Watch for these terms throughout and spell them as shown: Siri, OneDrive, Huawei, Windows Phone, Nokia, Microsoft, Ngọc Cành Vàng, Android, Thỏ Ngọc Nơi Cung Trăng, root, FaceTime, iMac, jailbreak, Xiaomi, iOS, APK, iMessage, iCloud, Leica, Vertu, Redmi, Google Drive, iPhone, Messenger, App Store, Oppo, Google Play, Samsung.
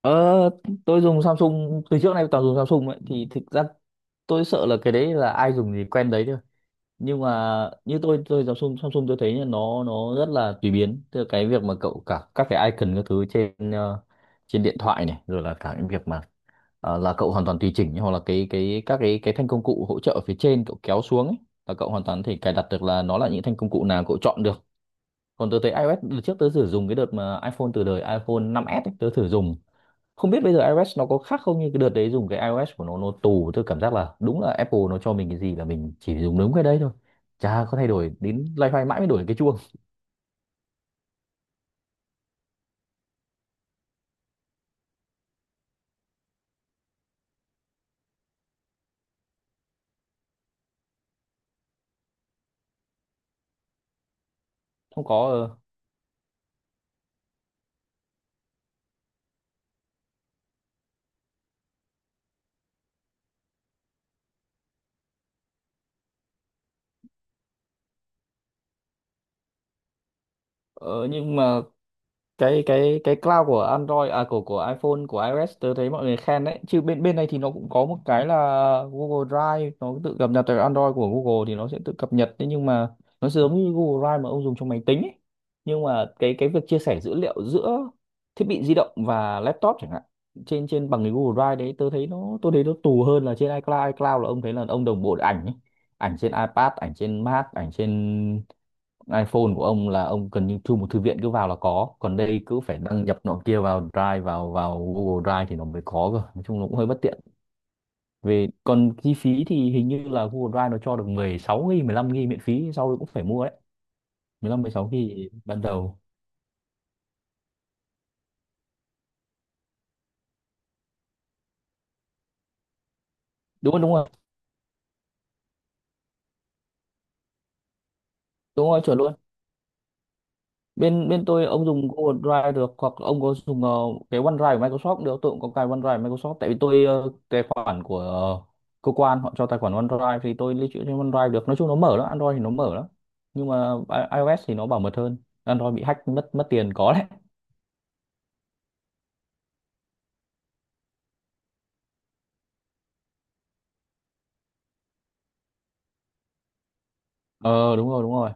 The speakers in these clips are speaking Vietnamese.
Ờ, tôi dùng Samsung, từ trước nay toàn dùng Samsung ấy, thì thực ra tôi sợ là cái đấy là ai dùng thì quen đấy thôi. Nhưng mà như tôi, Samsung Samsung tôi thấy là nó rất là tùy biến, từ cái việc mà cậu cả các cái icon, các thứ trên trên điện thoại này, rồi là cả những việc mà là cậu hoàn toàn tùy chỉnh, hoặc là cái các cái thanh công cụ hỗ trợ ở phía trên cậu kéo xuống ấy, là cậu hoàn toàn có thể cài đặt được là nó là những thanh công cụ nào cậu chọn được. Còn tôi thấy iOS, đợt trước tôi thử dùng, cái đợt mà iPhone, từ đời iPhone năm s ấy, tôi thử dùng, không biết bây giờ iOS nó có khác không. Như cái đợt đấy dùng cái iOS của nó tù, tôi cảm giác là đúng là Apple nó cho mình cái gì là mình chỉ dùng đúng cái đấy thôi, chả có thay đổi, đến loay hoay mãi mới đổi được cái chuông. Không có. Ờ, ờ, nhưng mà cái cloud của Android, à, của iPhone, của iOS, tớ thấy mọi người khen đấy chứ. Bên bên này thì nó cũng có một cái là Google Drive, nó tự cập nhật từ Android của Google thì nó sẽ tự cập nhật. Thế nhưng mà nó giống như Google Drive mà ông dùng trong máy tính ấy. Nhưng mà cái việc chia sẻ dữ liệu giữa thiết bị di động và laptop chẳng hạn, trên trên bằng cái Google Drive đấy, tớ thấy nó tôi thấy nó tù hơn là trên iCloud. iCloud là ông thấy là ông đồng bộ được ảnh ấy. Ảnh trên iPad, ảnh trên Mac, ảnh trên iPhone của ông là ông cần như thu một thư viện, cứ vào là có. Còn đây cứ phải đăng nhập nọ kia vào Drive, vào vào Google Drive thì nó mới có cơ. Nói chung nó cũng hơi bất tiện về. Còn chi phí thì hình như là Google Drive nó cho được 16 GB, 15 GB miễn phí, sau đó cũng phải mua đấy. 15 16 GB ban đầu. Đúng rồi, đúng rồi. Đúng rồi, chuẩn luôn. Bên bên tôi, ông dùng Google Drive được, hoặc ông có dùng cái OneDrive của Microsoft cũng được. Tôi cũng có cái OneDrive của Microsoft, tại vì tôi, tài khoản của, cơ quan họ cho tài khoản OneDrive, thì tôi lưu trữ trên OneDrive được. Nói chung nó mở lắm, Android thì nó mở lắm. Nhưng mà iOS thì nó bảo mật hơn. Android bị hack, mất mất tiền có đấy. Ờ đúng rồi, đúng rồi.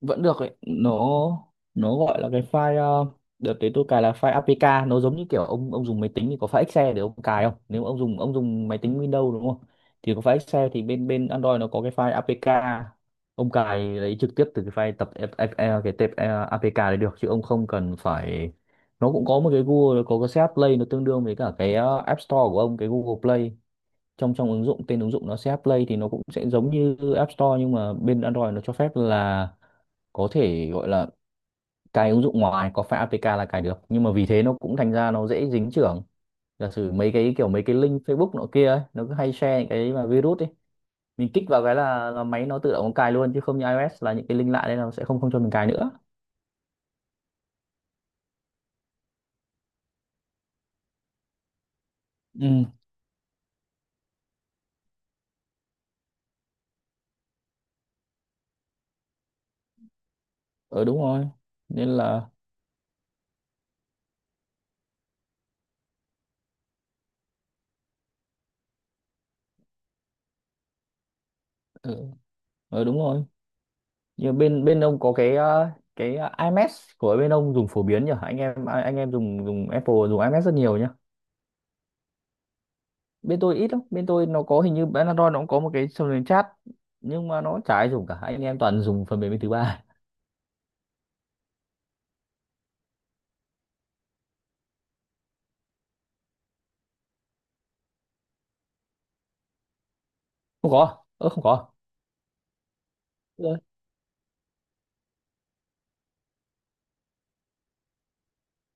Vẫn được ấy. Nó gọi là cái file, đợt đấy tôi cài là file APK. Nó giống như kiểu ông dùng máy tính thì có file Excel để ông cài không, nếu ông dùng, ông dùng máy tính Windows đúng không. Thì có file Excel, thì bên bên Android nó có cái file APK. Ông cài lấy trực tiếp từ cái file tập, cái tệp APK đấy được, chứ ông không cần phải. Nó cũng có một cái Google, nó có cái CH Play, nó tương đương với cả cái App Store của ông, cái Google Play. Trong trong ứng dụng, tên ứng dụng nó CH Play, thì nó cũng sẽ giống như App Store. Nhưng mà bên Android nó cho phép là có thể gọi là cài ứng dụng ngoài, có phải APK là cài được, nhưng mà vì thế nó cũng thành ra nó dễ dính chưởng. Giả sử mấy cái kiểu, mấy cái link Facebook nọ kia ấy, nó cứ hay share những cái mà virus ấy, mình kích vào cái là, máy nó tự động nó cài luôn. Chứ không như iOS là những cái link lạ đấy là nó sẽ không không cho mình cài nữa. Ừ. Ờ đúng rồi, nên là. Ừ, ờ đúng rồi. Nhưng bên bên ông có cái cái iMessage của bên ông, dùng phổ biến nhỉ. Anh em dùng dùng Apple, dùng iMessage rất nhiều nhỉ. Bên tôi ít lắm, bên tôi nó có, hình như bên Android nó cũng có một cái phần mềm chat nhưng mà nó chả ai dùng cả, anh em toàn dùng phần mềm bên thứ ba. Không có, ơ, không có rồi.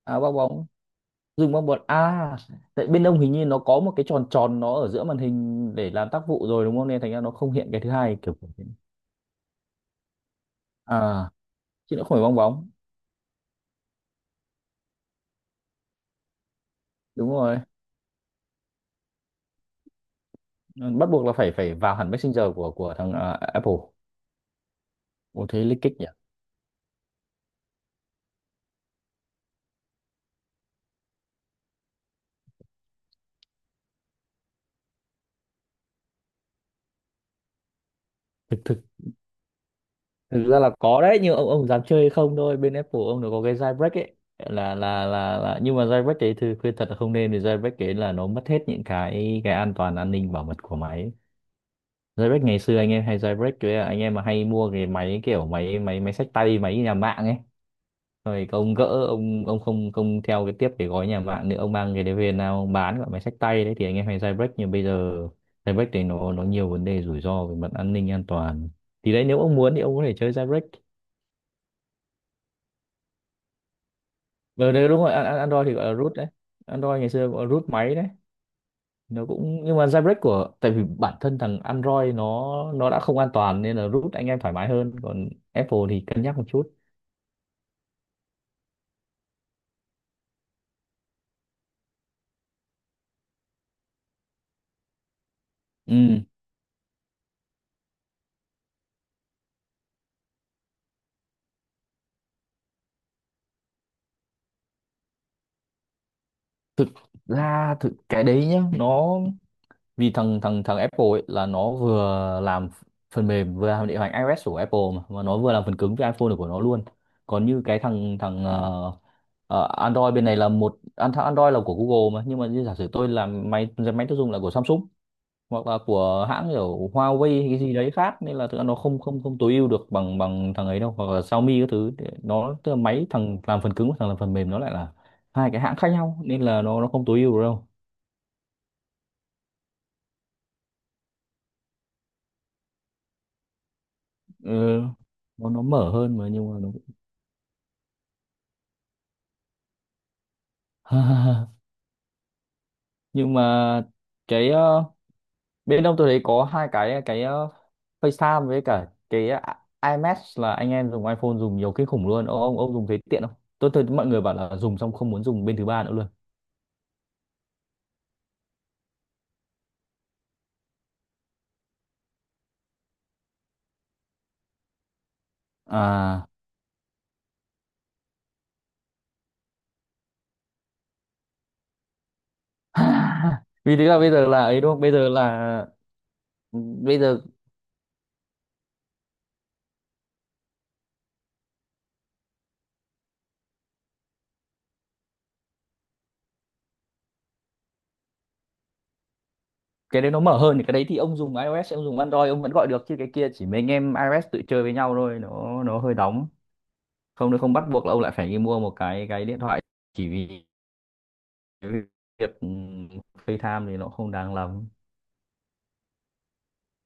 À bong bóng. Dùng bong bóng à? Tại bên ông hình như nó có một cái tròn tròn nó ở giữa màn hình để làm tác vụ rồi, đúng không, nên thành ra nó không hiện cái thứ hai kiểu kiểu thế. À, chứ nó không phải bong bóng. Đúng rồi, bắt buộc là phải phải vào hẳn Messenger của thằng, à, Apple. Ồ, thế lích kích nhỉ. Thực thực ra là có đấy, nhưng ông, dám chơi hay không thôi. Bên Apple, ông, nó có cái jailbreak ấy, là nhưng mà jailbreak đấy thì khuyên thật là không nên, vì jailbreak đấy là nó mất hết những cái an toàn, an ninh bảo mật của máy ấy. Jailbreak ngày xưa anh em hay jailbreak, với là anh em mà hay mua cái máy kiểu máy, máy xách tay, máy nhà mạng ấy, rồi ông gỡ, ông không không theo cái tiếp cái gói nhà mạng nữa, ông mang cái đấy về nào, ông bán gọi máy xách tay đấy, thì anh em hay jailbreak. Nhưng bây giờ jailbreak đấy nó nhiều vấn đề rủi ro về mặt an ninh an toàn. Thì đấy, nếu ông muốn thì ông có thể chơi jailbreak. Ờ đấy đúng rồi. Android thì gọi là root đấy. Android ngày xưa gọi là root máy đấy. Nó cũng, nhưng mà jailbreak của, tại vì bản thân thằng Android nó đã không an toàn nên là root anh em thoải mái hơn, còn Apple thì cân nhắc một chút. Ừ. Thực ra cái đấy nhá, nó vì thằng thằng thằng Apple ấy là nó vừa làm phần mềm, vừa làm điều hành iOS của Apple mà nó vừa làm phần cứng cho iPhone của nó luôn. Còn như cái thằng thằng Android bên này là một, thằng Android là của Google mà, nhưng mà như giả sử tôi làm máy, tiêu dùng là của Samsung hoặc là của hãng kiểu Huawei hay cái gì đấy khác, nên là thực ra nó không không không tối ưu được bằng bằng thằng ấy đâu, hoặc là Xiaomi các thứ. Nó tức là máy, thằng làm phần cứng và thằng làm phần mềm nó lại là hai cái hãng khác nhau, nên là nó không tối ưu được đâu. Ừ, nó mở hơn mà, nhưng mà nó... Nhưng mà cái, bên ông tôi thấy có hai cái, FaceTime với cả cái, iMessage, là anh em dùng iPhone dùng nhiều kinh khủng luôn. Ông dùng thấy tiện không? Tôi thấy mọi người bảo là dùng xong không muốn dùng bên thứ ba nữa luôn. À, vì thế là bây giờ là ấy đúng không, bây giờ cái đấy nó mở hơn thì cái đấy, thì ông dùng iOS, ông dùng Android ông vẫn gọi được. Chứ cái kia chỉ mấy anh em iOS tự chơi với nhau thôi, nó hơi đóng. Không, nó không bắt buộc là ông lại phải đi mua một cái điện thoại, chỉ vì cái việc FaceTime thì nó không đáng lắm.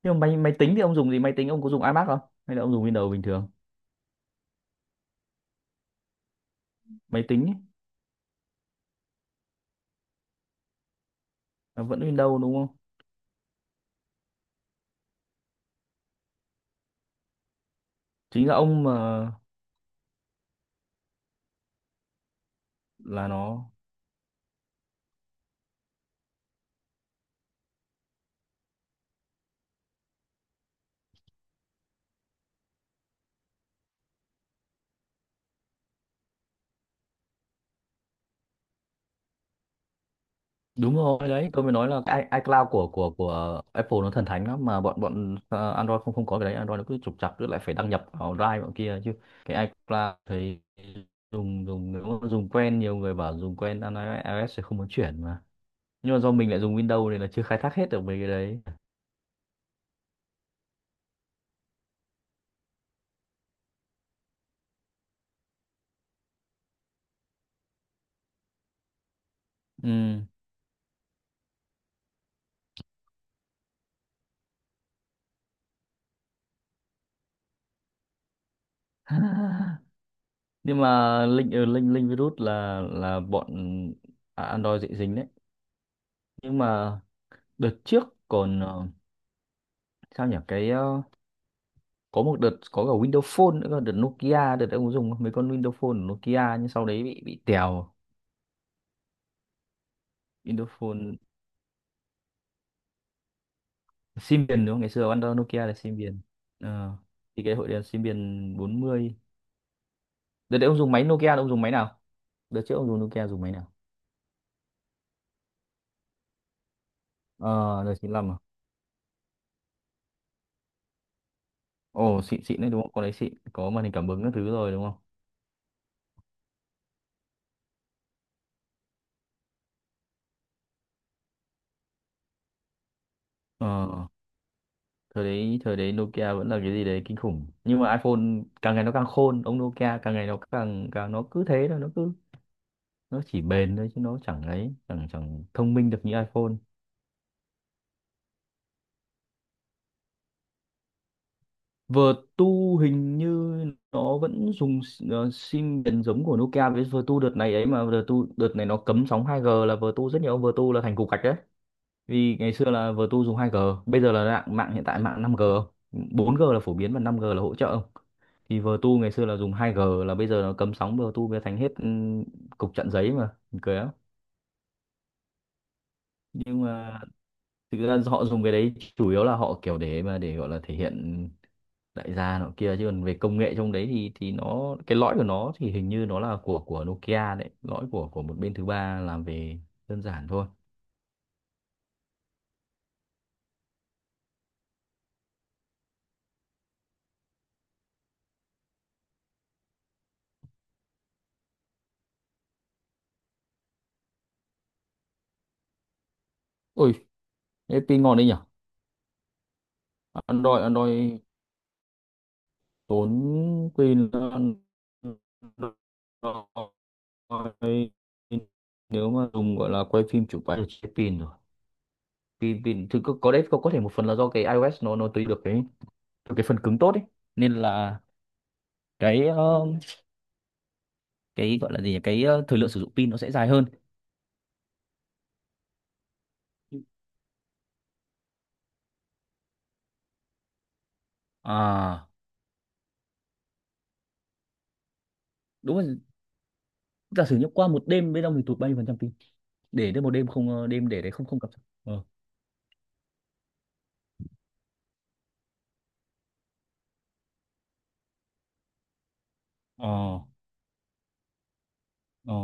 Nhưng mà máy, tính thì ông dùng gì? Máy tính ông có dùng iMac không, hay là ông dùng Windows bình thường máy tính ấy, nó vẫn Windows đúng không. Chính là ông mà là nó. Đúng rồi, đấy tôi mới nói là cái iCloud của Apple nó thần thánh lắm mà. Bọn bọn ờ, Android không không có cái đấy. Android nó cứ trục trặc, cứ lại phải đăng nhập vào Drive bọn kia chứ. Cái iCloud thì dùng dùng nếu mà dùng quen, nhiều người bảo dùng quen iOS sẽ không muốn chuyển mà. Nhưng mà do mình lại dùng Windows nên là chưa khai thác hết được mấy cái đấy. Ừ. Nhưng mà linh ở linh linh virus là, bọn, à, Android dễ dính đấy. Nhưng mà đợt trước còn, sao nhỉ, cái, có một đợt có cả Windows Phone nữa cơ, đợt Nokia, đợt ông có dùng không? Mấy con Windows Phone của Nokia nhưng sau đấy bị tèo. Windows Phone sim biển đúng không, ngày xưa Android Nokia là sim biển. Ờ, thì cái hội đèn sim biển bốn mươi. Đợt đấy ông dùng máy Nokia, ông dùng máy nào? Đợt trước ông dùng Nokia dùng máy nào? Ờ, đợt 95 à? Ồ, xịn xịn đấy đúng không, con đấy xịn có màn hình cảm ứng các thứ rồi đúng không? Ờ, thời đấy Nokia vẫn là cái gì đấy kinh khủng nhưng mà iPhone càng ngày nó càng khôn, ông Nokia càng ngày nó càng càng nó cứ thế thôi, nó cứ nó chỉ bền thôi chứ nó chẳng ấy chẳng chẳng thông minh được như iPhone. Vertu hình như nó vẫn dùng sim miền giống của Nokia. Với Vertu đợt này ấy mà, Vertu đợt này nó cấm sóng 2G là Vertu rất nhiều ông Vertu là thành cục gạch đấy. Vì ngày xưa là vừa tu dùng 2G, bây giờ là mạng, mạng hiện tại mạng 5G, 4G là phổ biến và 5G là hỗ trợ không. Thì vừa tu ngày xưa là dùng 2G, là bây giờ nó cấm sóng vừa tu bây giờ thành hết, cục chặn giấy mà, buồn cười lắm. Nhưng mà thực ra họ dùng cái đấy chủ yếu là họ kiểu để mà để gọi là thể hiện đại gia nọ kia, chứ còn về công nghệ trong đấy thì nó cái lõi của nó thì hình như nó là của Nokia đấy, lõi của một bên thứ ba làm về đơn giản thôi. Ôi, cái pin ngon đấy nhỉ. Android Android tốn pin hơn. Nếu mà dùng, gọi là, quay phim chụp ảnh chết pin rồi. Pin pin thực có đấy, có thể một phần là do cái iOS nó tùy được cái phần cứng tốt ấy, nên là cái, cái, gọi là gì nhỉ, cái, thời lượng sử dụng pin nó sẽ dài hơn. À, đúng rồi, giả sử như qua một đêm bên ông thì tụt bao nhiêu phần trăm pin? Để đến một đêm không, đêm để đấy không không cập. Ờ, ờ, ờ.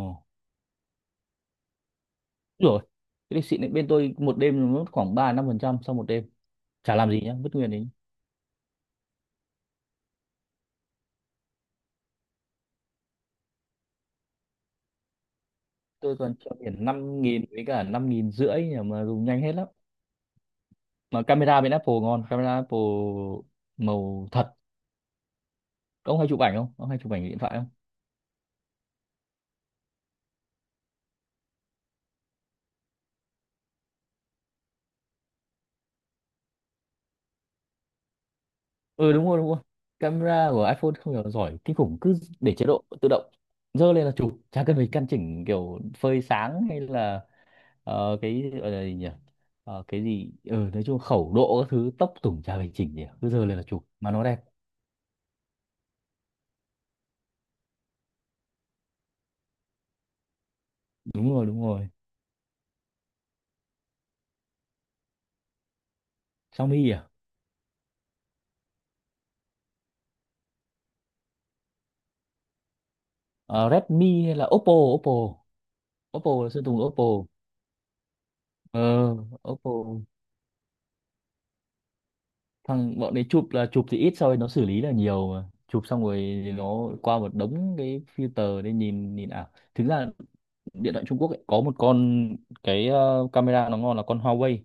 Đúng rồi. Cái này xịn đấy, bên tôi một đêm nó mất khoảng ba năm phần trăm sau một đêm. Chả làm gì nhá, vứt nguyên đấy. Tôi còn treo biển năm nghìn với cả năm nghìn rưỡi mà dùng nhanh hết lắm. Mà camera bên Apple ngon, camera Apple màu thật. Ông hay chụp ảnh không, ông hay chụp ảnh điện thoại không? Ừ, đúng rồi đúng rồi. Camera của iPhone không hiểu giỏi kinh khủng, cứ để chế độ tự động dơ lên là chụp, chả cần phải căn chỉnh kiểu phơi sáng hay là cái gọi là gì nhỉ. Cái gì, ừ, nói chung khẩu độ các thứ tốc tủng chả phải chỉnh gì cả. Cứ dơ lên là chụp mà nó đẹp. Đúng rồi đúng rồi. Xiaomi à? Ờ, Redmi hay là Oppo, Oppo. Oppo là sư Tùng Oppo. Ờ, Oppo. Thằng bọn đấy chụp là chụp thì ít rồi, nó xử lý là nhiều, mà chụp xong rồi nó qua một đống cái filter để nhìn nhìn ảo. Thực ra điện thoại Trung Quốc ấy, có một con cái camera nó ngon là con Huawei.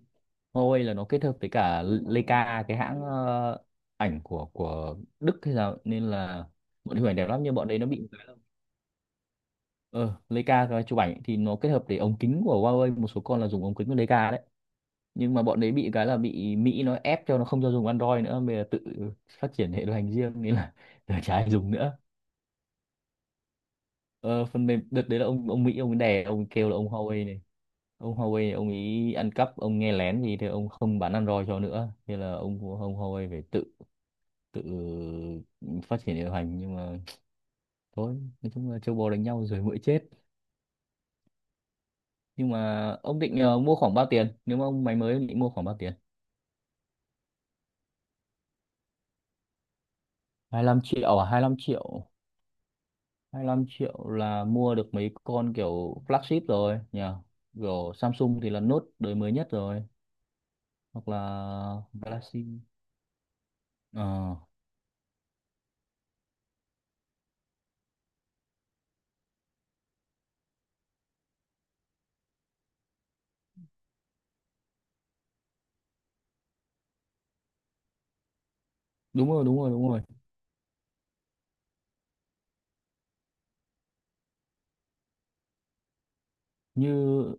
Huawei là nó kết hợp với cả Leica, cái hãng ảnh của Đức hay sao ấy, nên là bọn hình ảnh đẹp lắm nhưng bọn đấy nó bị một cái là ờ Leica cái chụp ảnh thì nó kết hợp để ống kính của Huawei, một số con là dùng ống kính của Leica đấy. Nhưng mà bọn đấy bị cái là bị Mỹ nó ép cho nó không cho dùng Android nữa, bây giờ tự phát triển hệ điều hành riêng nên là giờ chả ai dùng nữa. Ờ, phần mềm đợt đấy là ông Mỹ ông ấy đè ông ấy kêu là ông Huawei này ông ấy ăn cắp ông nghe lén gì thì ông không bán Android cho nữa, thế là ông Huawei phải tự tự phát triển hệ điều hành, nhưng mà thôi, nói chung là châu bò đánh nhau rồi muỗi chết. Nhưng mà ông định mua khoảng bao tiền, nếu mà ông máy mới ông định mua khoảng bao tiền? Hai lăm triệu à, hai lăm triệu? Hai mươi lăm triệu là mua được mấy con kiểu flagship rồi nhỉ. Kiểu Samsung thì là Note đời mới nhất rồi, hoặc là Galaxy. Ờ, đúng rồi đúng rồi đúng rồi. Như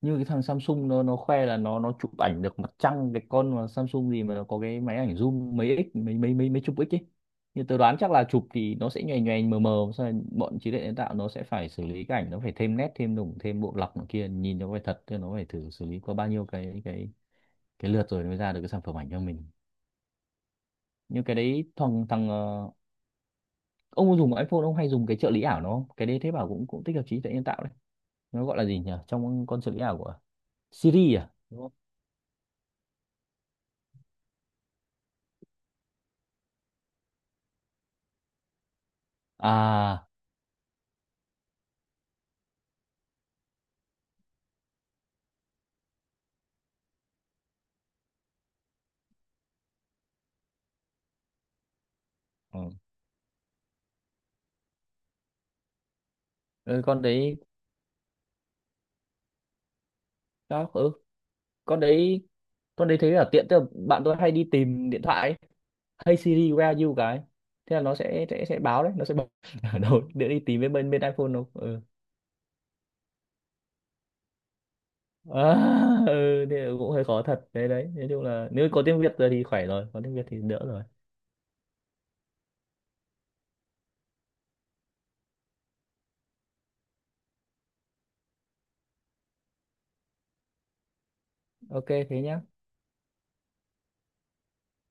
như cái thằng Samsung nó khoe là nó chụp ảnh được mặt trăng, cái con mà Samsung gì mà nó có cái máy ảnh zoom mấy x mấy mấy mấy mấy chục x ấy. Như tớ đoán chắc là chụp thì nó sẽ nhòe nhòe mờ mờ xong rồi bọn trí tuệ nhân tạo nó sẽ phải xử lý cái ảnh, nó phải thêm nét thêm đủng thêm bộ lọc này kia nhìn nó phải thật, chứ nó phải thử xử lý qua bao nhiêu cái cái lượt rồi mới ra được cái sản phẩm ảnh cho mình. Nhưng cái đấy thằng thằng ờ, ông có dùng iPhone ông hay dùng cái trợ lý ảo nó không? Cái đấy thế bảo cũng cũng tích hợp trí tuệ nhân tạo đấy. Nó gọi là gì nhỉ, trong con trợ lý ảo của Siri à, đúng không? À, ừ. Ừ, con đấy. Đó, ừ. Con đấy, con đấy thấy là tiện, tức là bạn tôi hay đi tìm điện thoại ấy. Hey Siri, where are you, cái thế là nó sẽ báo đấy, nó sẽ báo ở đâu để đi tìm. Bên bên bên iPhone nó ừ. À, ừ, thế cũng hơi khó thật đấy đấy, nói chung là nếu có tiếng Việt rồi thì khỏe rồi, có tiếng Việt thì đỡ rồi. Ok thế nhá.